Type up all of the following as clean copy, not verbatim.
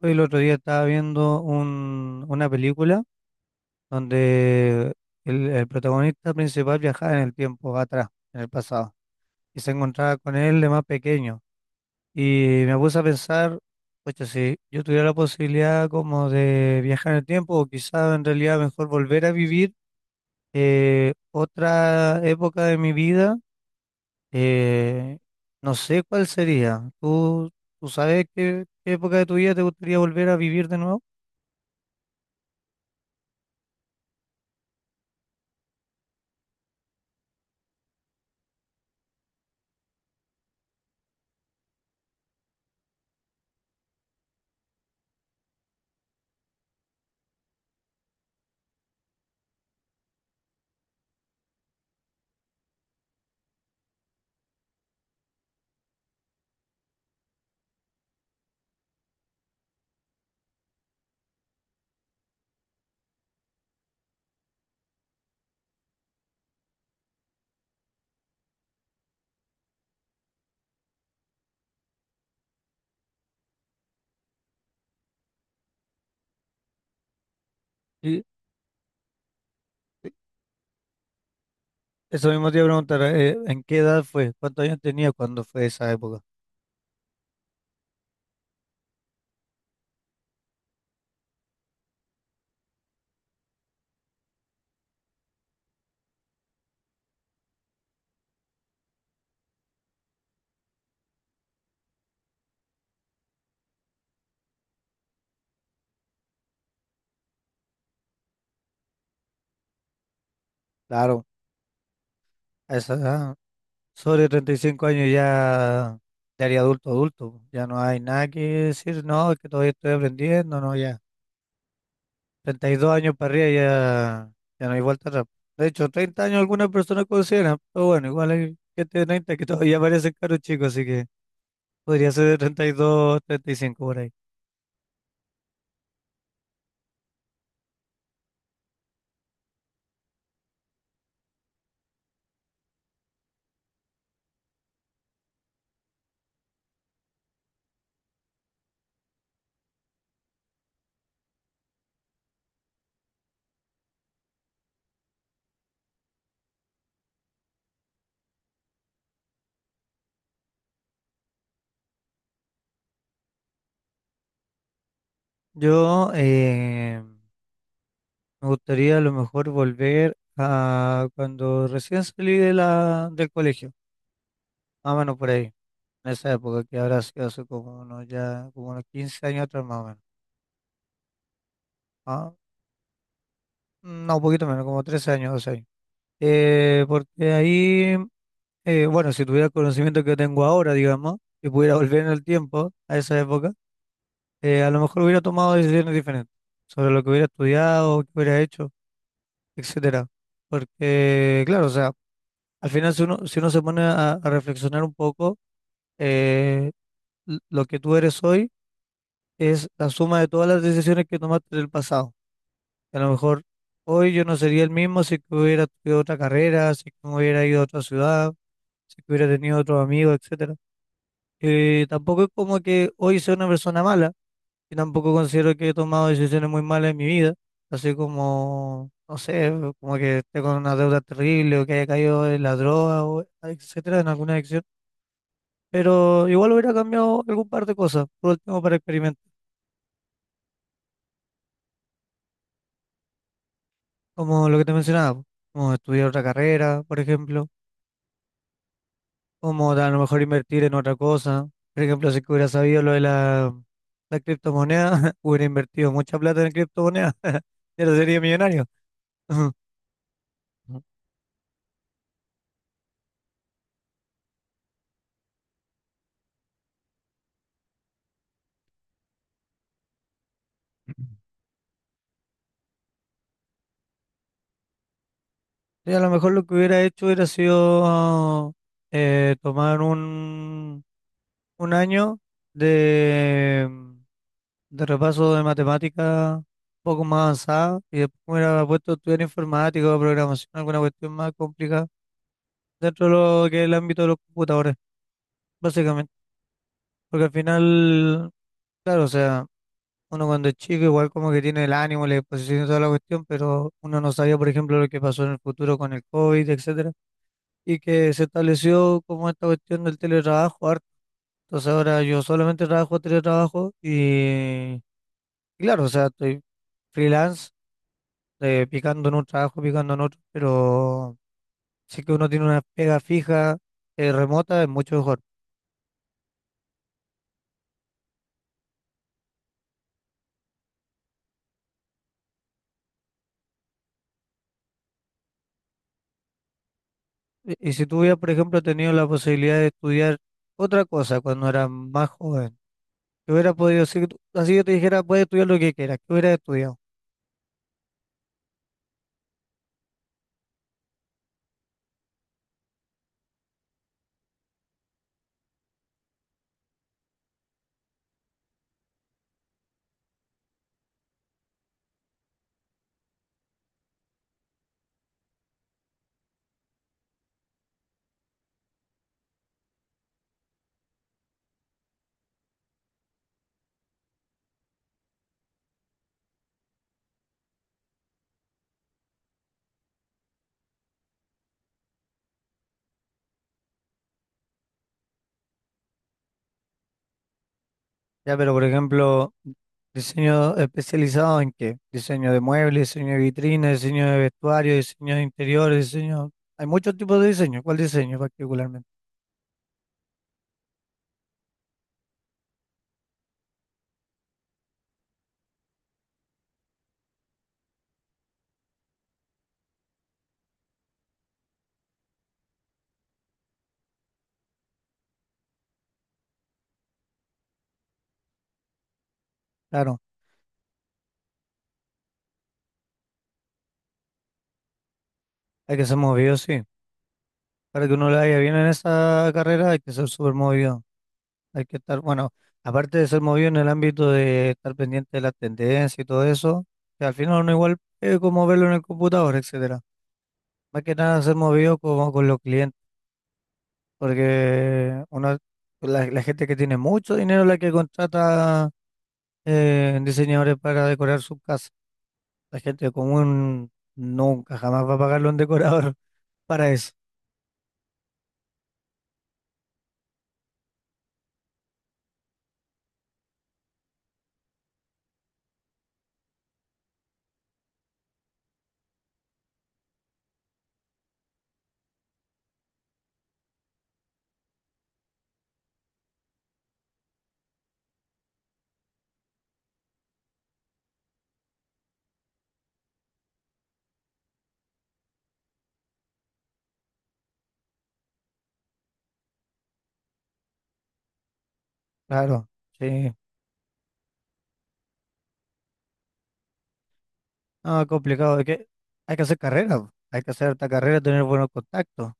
Hoy el otro día estaba viendo una película donde el protagonista principal viajaba en el tiempo atrás, en el pasado, y se encontraba con él de más pequeño. Y me puse a pensar, oye, si yo tuviera la posibilidad como de viajar en el tiempo, o quizá en realidad mejor volver a vivir otra época de mi vida, eh, no sé cuál sería. ¿ Tú sabes qué época de tu vida te gustaría volver a vivir de nuevo? Sí. Eso mismo te iba a preguntar, ¿en qué edad fue? ¿Cuántos años tenía cuando fue esa época? Claro, a esa edad, sobre 35 años ya te haría adulto, adulto. Ya no hay nada que decir, no, es que todavía estoy aprendiendo, no, ya. 32 años para arriba ya, ya no hay vuelta atrás. De hecho, 30 años algunas personas consideran, pero bueno, igual hay gente de 30 que todavía parecen caros chicos, así que podría ser de 32, 35 por ahí. Yo, eh, Me gustaría a lo mejor volver a cuando recién salí de del colegio, más o menos por ahí, en esa época que ahora sido hace como unos, ya, como unos 15 años atrás más o menos. Ah, No, un poquito menos, como 13 años, 12 años. Porque ahí, bueno, si tuviera el conocimiento que tengo ahora, digamos, y pudiera volver en el tiempo a esa época, a lo mejor hubiera tomado decisiones diferentes sobre lo que hubiera estudiado, qué hubiera hecho, etcétera. Porque, claro, o sea... Al final, si uno se pone a reflexionar un poco, eh, lo que tú eres hoy es la suma de todas las decisiones que tomaste del pasado. A lo mejor hoy yo no sería el mismo si que hubiera estudiado otra carrera, si que me hubiera ido a otra ciudad, si que hubiera tenido otros amigos, etcétera. Tampoco es como que hoy sea una persona mala, y tampoco considero que he tomado decisiones muy malas en mi vida, así como, no sé, como que esté con una deuda terrible o que haya caído en la droga, o etcétera, en alguna adicción. Pero igual hubiera cambiado algún par de cosas, por último, para experimentar, como lo que te mencionaba, po, como estudiar otra carrera, por ejemplo, como a lo mejor invertir en otra cosa. Por ejemplo, si que hubiera sabido lo de la criptomoneda, hubiera invertido mucha plata en criptomonedas, ya no sería millonario. Y a lo mejor lo que hubiera hecho hubiera sido tomar un año de, de repaso de matemática un poco más avanzado y después me hubiera puesto a estudiar informática o programación, alguna cuestión más complicada dentro de lo que es el ámbito de los computadores, básicamente. Porque al final, claro, o sea, uno cuando es chico igual como que tiene el ánimo, la disposición y toda la cuestión, pero uno no sabía, por ejemplo, lo que pasó en el futuro con el COVID, etcétera, y que se estableció como esta cuestión del teletrabajo harto. Entonces ahora yo solamente trabajo teletrabajo y claro, o sea, estoy freelance, picando en un trabajo, picando en otro, pero si que uno tiene una pega fija, remota, es mucho mejor. Y si tú hubieras, por ejemplo, tenido la posibilidad de estudiar otra cosa cuando eras más joven, que hubiera podido, si tú- así yo te dijera, puedes estudiar lo que quieras, ¿que hubieras estudiado? Ya, pero por ejemplo, ¿diseño especializado en qué? Diseño de muebles, diseño de vitrinas, diseño de vestuario, diseño de interiores, diseño... Hay muchos tipos de diseño. ¿Cuál diseño particularmente? Claro, hay que ser movido, sí. Para que uno le vaya bien en esa carrera hay que ser súper movido. Hay que estar, bueno, aparte de ser movido en el ámbito de estar pendiente de las tendencias y todo eso, que al final uno igual es como verlo en el computador, etcétera. Más que nada ser movido como con los clientes, porque uno, la gente que tiene mucho dinero es la que contrata diseñadores para decorar su casa. La gente común nunca, jamás va a pagarle a un decorador para eso. Claro, sí. Ah, complicado, es que hay que hacer carrera, po. Hay que hacer esta carrera, tener buenos contactos,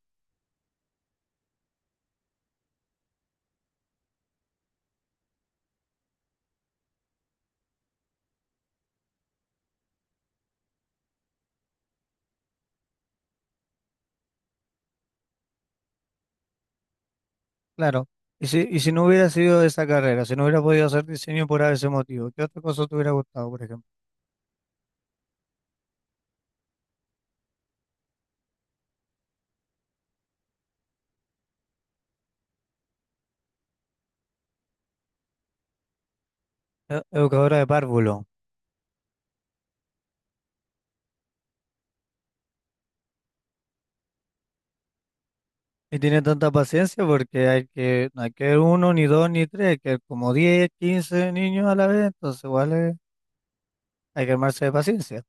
claro. Y si no hubiera sido esa carrera, si no hubiera podido hacer diseño por ese motivo, ¿qué otra cosa te hubiera gustado, por ejemplo? Educadora de párvulo. Y tiene tanta paciencia porque hay que, no hay que ver uno, ni dos, ni tres, hay que ver como 10, 15 niños a la vez, entonces igual es- hay que armarse de paciencia.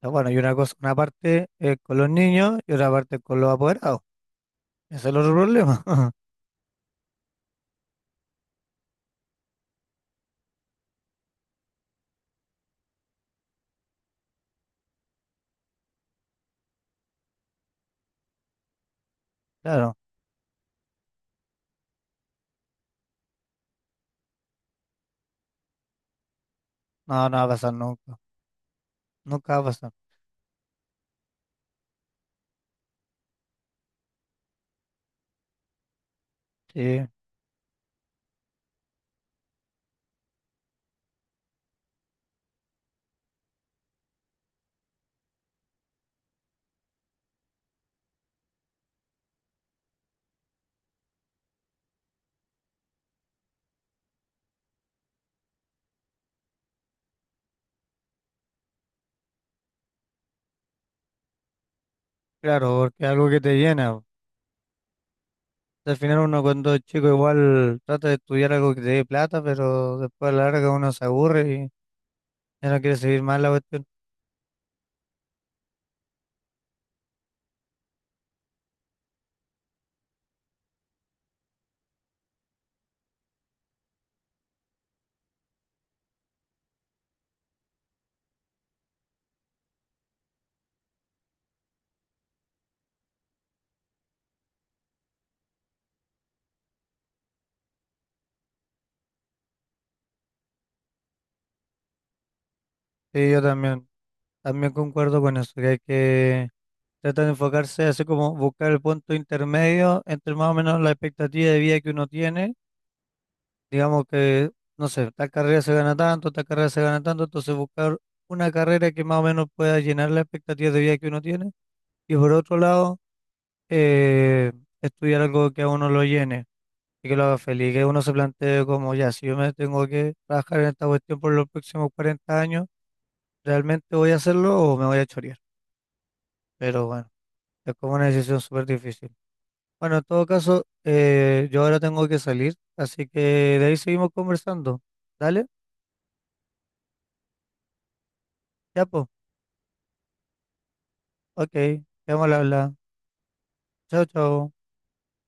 Pero bueno, y una cosa, una parte es con los niños y otra parte es con los apoderados. Ese es el otro problema. Claro, no, no va a pasar nunca, nunca va a pasar. Sí. Claro, porque es algo que te llena. Al final uno cuando es chico igual trata de estudiar algo que te dé plata, pero después a la larga uno se aburre y ya no quiere seguir más la cuestión. Sí, yo también, también concuerdo con eso, que hay que tratar de enfocarse así como buscar el punto intermedio entre más o menos la expectativa de vida que uno tiene. Digamos que, no sé, tal carrera se gana tanto, tal carrera se gana tanto, entonces buscar una carrera que más o menos pueda llenar la expectativa de vida que uno tiene. Y por otro lado... eh, estudiar algo que a uno lo llene y que lo haga feliz, que uno se plantee como, ya, si yo me tengo que trabajar en esta cuestión por los próximos 40 años, ¿realmente voy a hacerlo o me voy a chorear? Pero bueno, es como una decisión súper difícil. Bueno, en todo caso, yo ahora tengo que salir, así que de ahí seguimos conversando. ¿Dale? Ya, pues. Ok, quedamos al habla. Chao, chao.